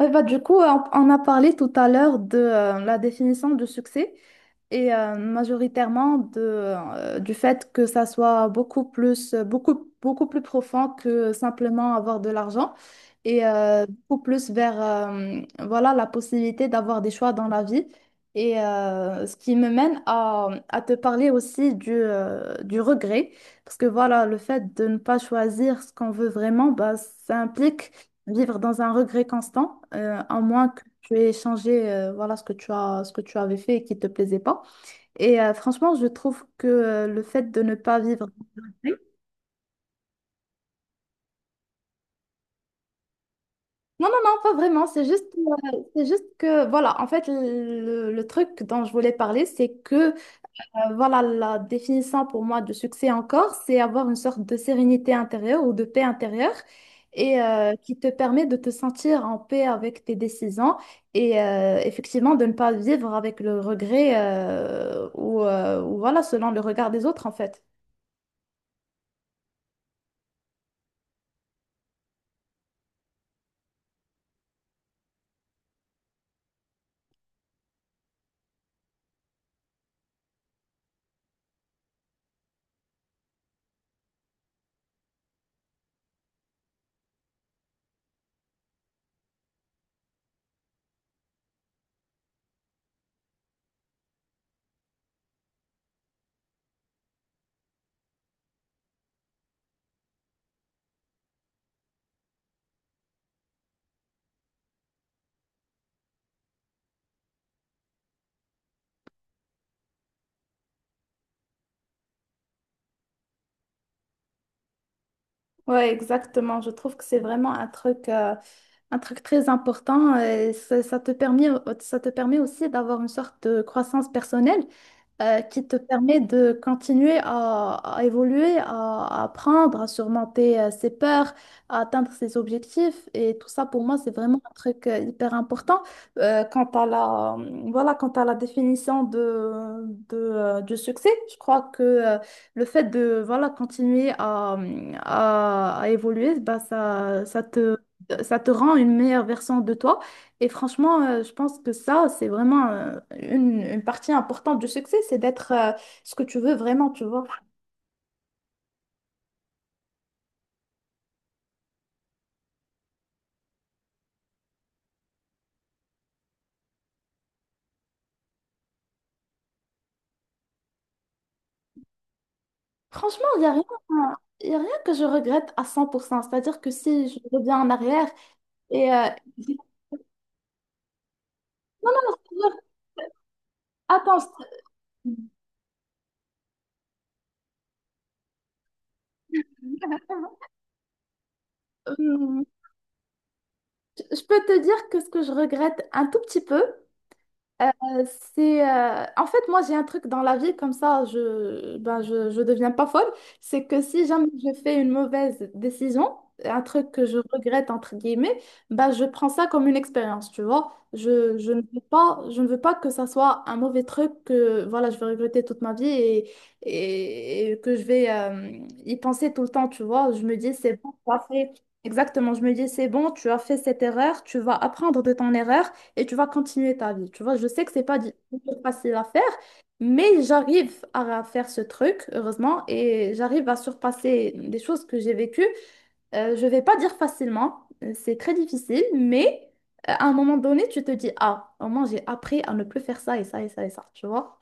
Ouais, bah, du coup, on a parlé tout à l'heure de la définition du succès et majoritairement du fait que ça soit beaucoup plus, beaucoup, beaucoup plus profond que simplement avoir de l'argent et beaucoup plus vers voilà, la possibilité d'avoir des choix dans la vie. Et ce qui me mène à te parler aussi du regret. Parce que voilà, le fait de ne pas choisir ce qu'on veut vraiment, bah, ça implique vivre dans un regret constant, à moins que tu aies changé voilà, ce que tu as, ce que tu avais fait et qui ne te plaisait pas. Et franchement, je trouve que le fait de ne pas vivre. Non, non, non, pas vraiment. C'est juste que, voilà, en fait, le truc dont je voulais parler, c'est que voilà la définition pour moi de succès encore, c'est avoir une sorte de sérénité intérieure ou de paix intérieure, et qui te permet de te sentir en paix avec tes décisions et effectivement de ne pas vivre avec le regret, ou voilà, selon le regard des autres en fait. Ouais, exactement. Je trouve que c'est vraiment un truc très important, et ça, ça te permet aussi d'avoir une sorte de croissance personnelle qui te permet de continuer à évoluer, à apprendre, à surmonter ses peurs, à atteindre ses objectifs. Et tout ça, pour moi, c'est vraiment un truc hyper important. Quant à la, voilà, quant à la définition du succès, je crois que le fait de voilà, continuer à évoluer, bah, ça te rend une meilleure version de toi. Et franchement, je pense que ça, c'est vraiment une partie importante du succès, c'est d'être ce que tu veux vraiment, tu vois. Franchement, il y a rien que je regrette à 100%. C'est-à-dire que si je reviens en arrière et je vais te dire, attends, euh, je peux te dire que ce que je regrette un tout petit peu. Euh, c'est en fait moi j'ai un truc dans la vie comme ça, je, ben, je deviens pas folle. C'est que si jamais je fais une mauvaise décision, un truc que je regrette entre guillemets, ben je prends ça comme une expérience, tu vois, je ne veux pas que ça soit un mauvais truc que voilà je vais regretter toute ma vie. Et que je vais y penser tout le temps, tu vois, je me dis c'est bon, tu as fait. Exactement, je me dis c'est bon, tu as fait cette erreur, tu vas apprendre de ton erreur et tu vas continuer ta vie. Tu vois, je sais que c'est pas du tout facile à faire, mais j'arrive à faire ce truc, heureusement, et j'arrive à surpasser des choses que j'ai vécues. Je vais pas dire facilement, c'est très difficile, mais à un moment donné, tu te dis, ah, au moins j'ai appris à ne plus faire ça et ça et ça et ça, tu vois.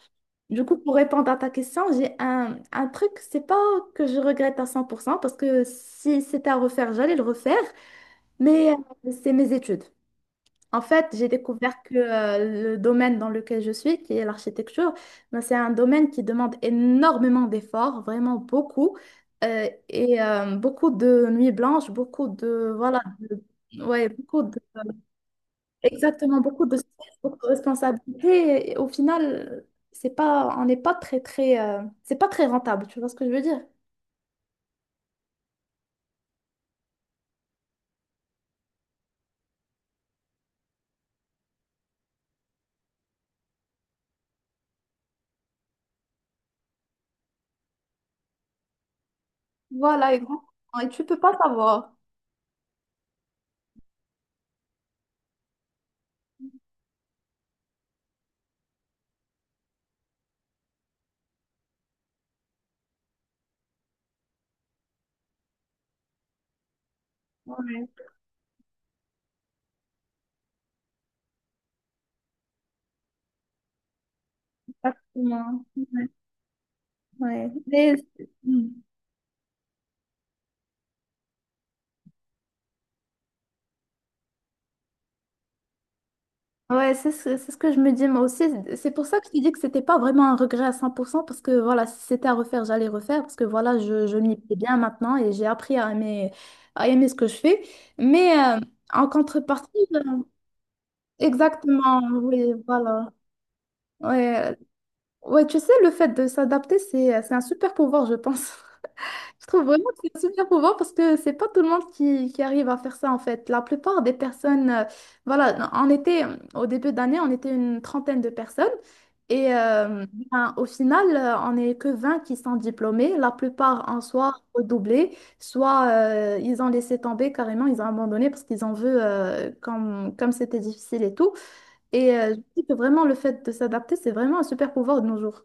Du coup, pour répondre à ta question, j'ai un truc, c'est pas que je regrette à 100%, parce que si c'était à refaire, j'allais le refaire, mais c'est mes études. En fait, j'ai découvert que le domaine dans lequel je suis, qui est l'architecture, ben, c'est un domaine qui demande énormément d'efforts, vraiment beaucoup, beaucoup de nuits blanches, beaucoup de, voilà, ouais, beaucoup de, exactement, beaucoup de stress, beaucoup de responsabilités. Et au final, c'est pas, on n'est pas très, très, c'est pas très rentable, tu vois ce que je veux dire? Voilà, exactement. Et tu peux pas savoir. Ouais, exactement. Ouais. Ouais. Hmm. Ouais, c'est ce que je me dis moi aussi. C'est pour ça que je te dis que c'était pas vraiment un regret à 100%, parce que voilà, si c'était à refaire, j'allais refaire parce que voilà, je m'y plais bien maintenant et j'ai appris à aimer ce que je fais. Mais en contrepartie, exactement, oui, voilà. Ouais, ouais, tu sais, le fait de s'adapter, c'est un super pouvoir, je pense. Je trouve vraiment que c'est un super pouvoir parce que c'est pas tout le monde qui arrive à faire ça en fait. La plupart des personnes, voilà, on était au début d'année, on était une trentaine de personnes et ben, au final, on n'est que 20 qui sont diplômés. La plupart en soit redoublés, soit ils ont laissé tomber carrément, ils ont abandonné parce qu'ils en veulent comme, comme c'était difficile et tout. Et je dis que vraiment le fait de s'adapter, c'est vraiment un super pouvoir de nos jours.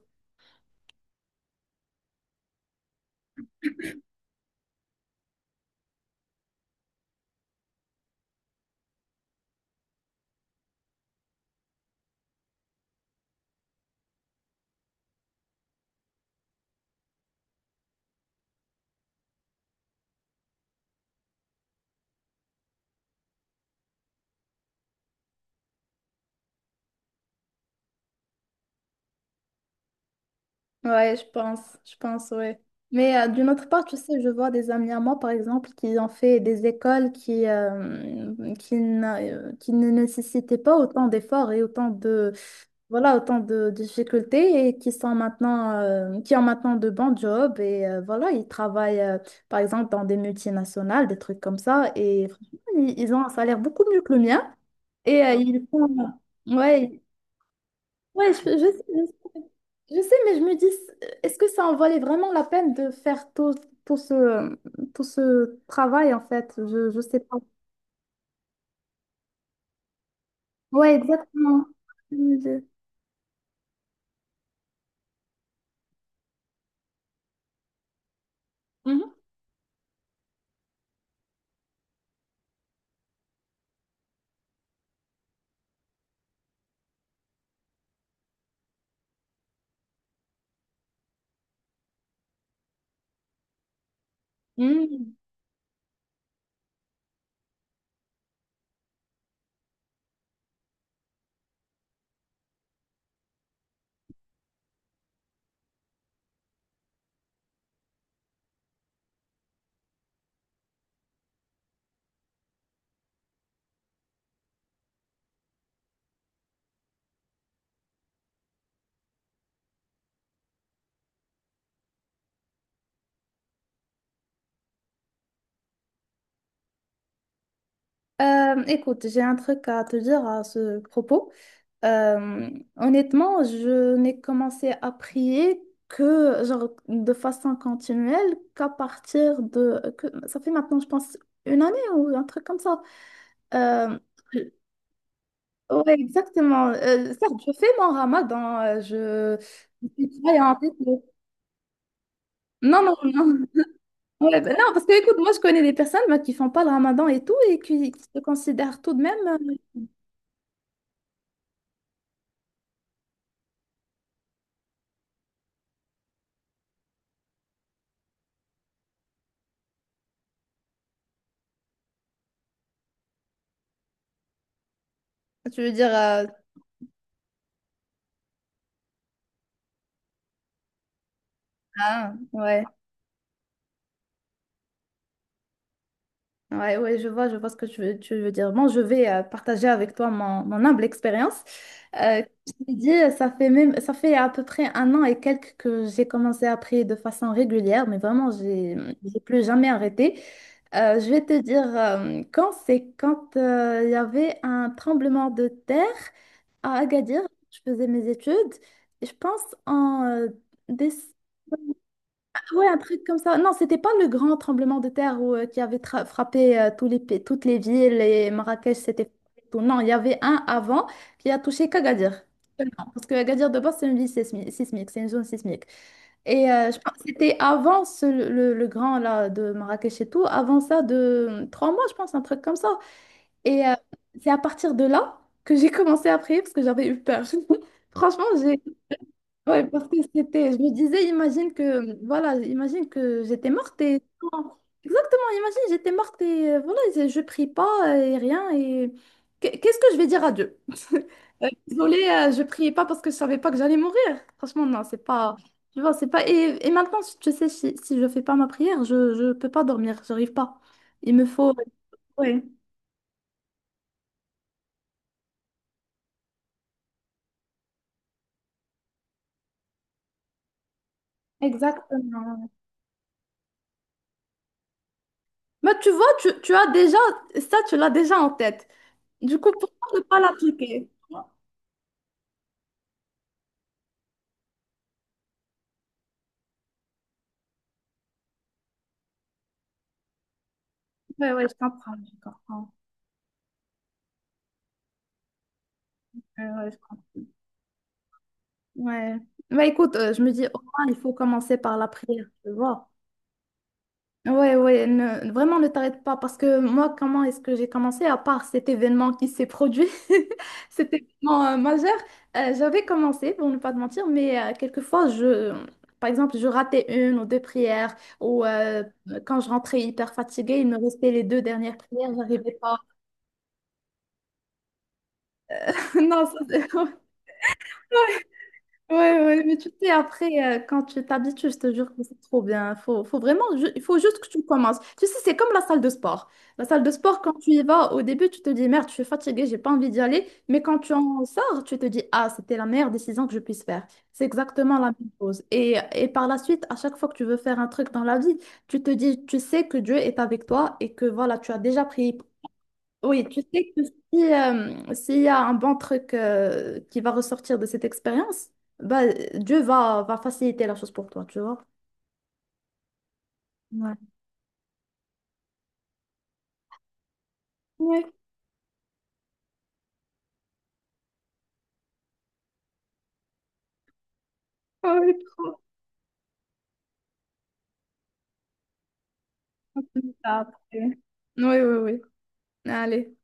Ouais, je pense, ouais. Mais d'une autre part, tu sais, je vois des amis à moi, par exemple, qui ont fait des écoles qui ne nécessitaient pas autant d'efforts et autant de, voilà, autant de difficultés et qui sont maintenant, qui ont maintenant de bons jobs et voilà, ils travaillent, par exemple, dans des multinationales, des trucs comme ça et franchement, ils ont un salaire beaucoup mieux que le mien et ils font, ouais, ouais, je sais, mais je me dis, est-ce que ça en valait vraiment la peine de faire tout, tout ce, tout ce travail, en fait? Je sais pas. Ouais, exactement. Mhm. Mhm. Écoute, j'ai un truc à te dire à ce propos. Euh, Honnêtement, je n'ai commencé à prier que, genre, de façon continuelle, qu'à partir de. Ça fait maintenant, je pense, une année ou un truc comme ça. Euh, Ouais, exactement. Certes, je fais mon ramadan. Je suis croyante et tout. Non, non, non. Ouais, ben non, parce que écoute, moi je connais des personnes moi, qui font pas le ramadan et tout et qui se considèrent tout de même. Tu veux dire. Ah, ouais. Ouais, ouais, je vois ce que tu veux dire. Bon, je vais partager avec toi mon humble expérience. Je t'ai dit, ça fait à peu près un an et quelques que j'ai commencé à prier de façon régulière, mais vraiment, j'ai plus jamais arrêté. Je vais te dire, quand c'est quand il y avait un tremblement de terre à Agadir, je faisais mes études, et je pense en décembre. Ouais, un truc comme ça. Non, c'était pas le grand tremblement de terre qui avait frappé toutes les villes et Marrakech c'était tout. Non, il y avait un avant qui a touché qu'Agadir. Seulement. Parce que Agadir de base, c'est une ville sismique, c'est une zone sismique. Et je pense que c'était avant le grand là, de Marrakech et tout, avant ça de 3 mois, je pense, un truc comme ça. Et c'est à partir de là que j'ai commencé à prier parce que j'avais eu peur. Franchement. Ouais, parce que c'était, je me disais, imagine que, voilà, imagine que j'étais morte et. Exactement, imagine, j'étais morte et voilà, je prie pas et rien et. Qu'est-ce que je vais dire à Dieu? Désolée, je priais pas parce que je savais pas que j'allais mourir. Franchement, non, c'est pas. Tu vois, c'est pas. Et maintenant, je sais, si je fais pas ma prière, je peux pas dormir, j'arrive pas. Il me faut. Ouais. Exactement. Mais tu vois, tu as déjà. Ça, tu l'as déjà en tête. Du coup, pourquoi ne pas l'appliquer? Ouais, ouais, je comprends, je comprends. Ouais, ouais, je comprends. Ouais. Bah, écoute, je me dis, au moins, il faut commencer par la prière, tu vois. Ouais, ouais, vraiment, ne t'arrête pas, parce que moi, comment est-ce que j'ai commencé, à part cet événement qui s'est produit, cet événement majeur, j'avais commencé, pour ne pas te mentir, mais quelquefois, je. Par exemple, je ratais une ou deux prières, ou quand je rentrais hyper fatiguée, il me restait les deux dernières prières, j'arrivais pas. Non, ça, Ouais, ouais, mais tu sais, après, quand tu t'habitues, je te jure que c'est trop bien. Faut vraiment, il faut juste que tu commences. Tu sais, c'est comme la salle de sport. La salle de sport, quand tu y vas, au début, tu te dis, merde, je suis fatiguée, j'ai pas envie d'y aller. Mais quand tu en sors, tu te dis, ah, c'était la meilleure décision que je puisse faire. C'est exactement la même chose. Et par la suite, à chaque fois que tu veux faire un truc dans la vie, tu te dis, tu sais que Dieu est avec toi et que voilà, tu as déjà pris. Oui, tu sais que si, s'il y a un bon truc qui va ressortir de cette expérience, bah, Dieu va faciliter la chose pour toi, tu vois. Ouais. Ouais, ouais, trop. Ça, après. Oui, oui, oui. Allez.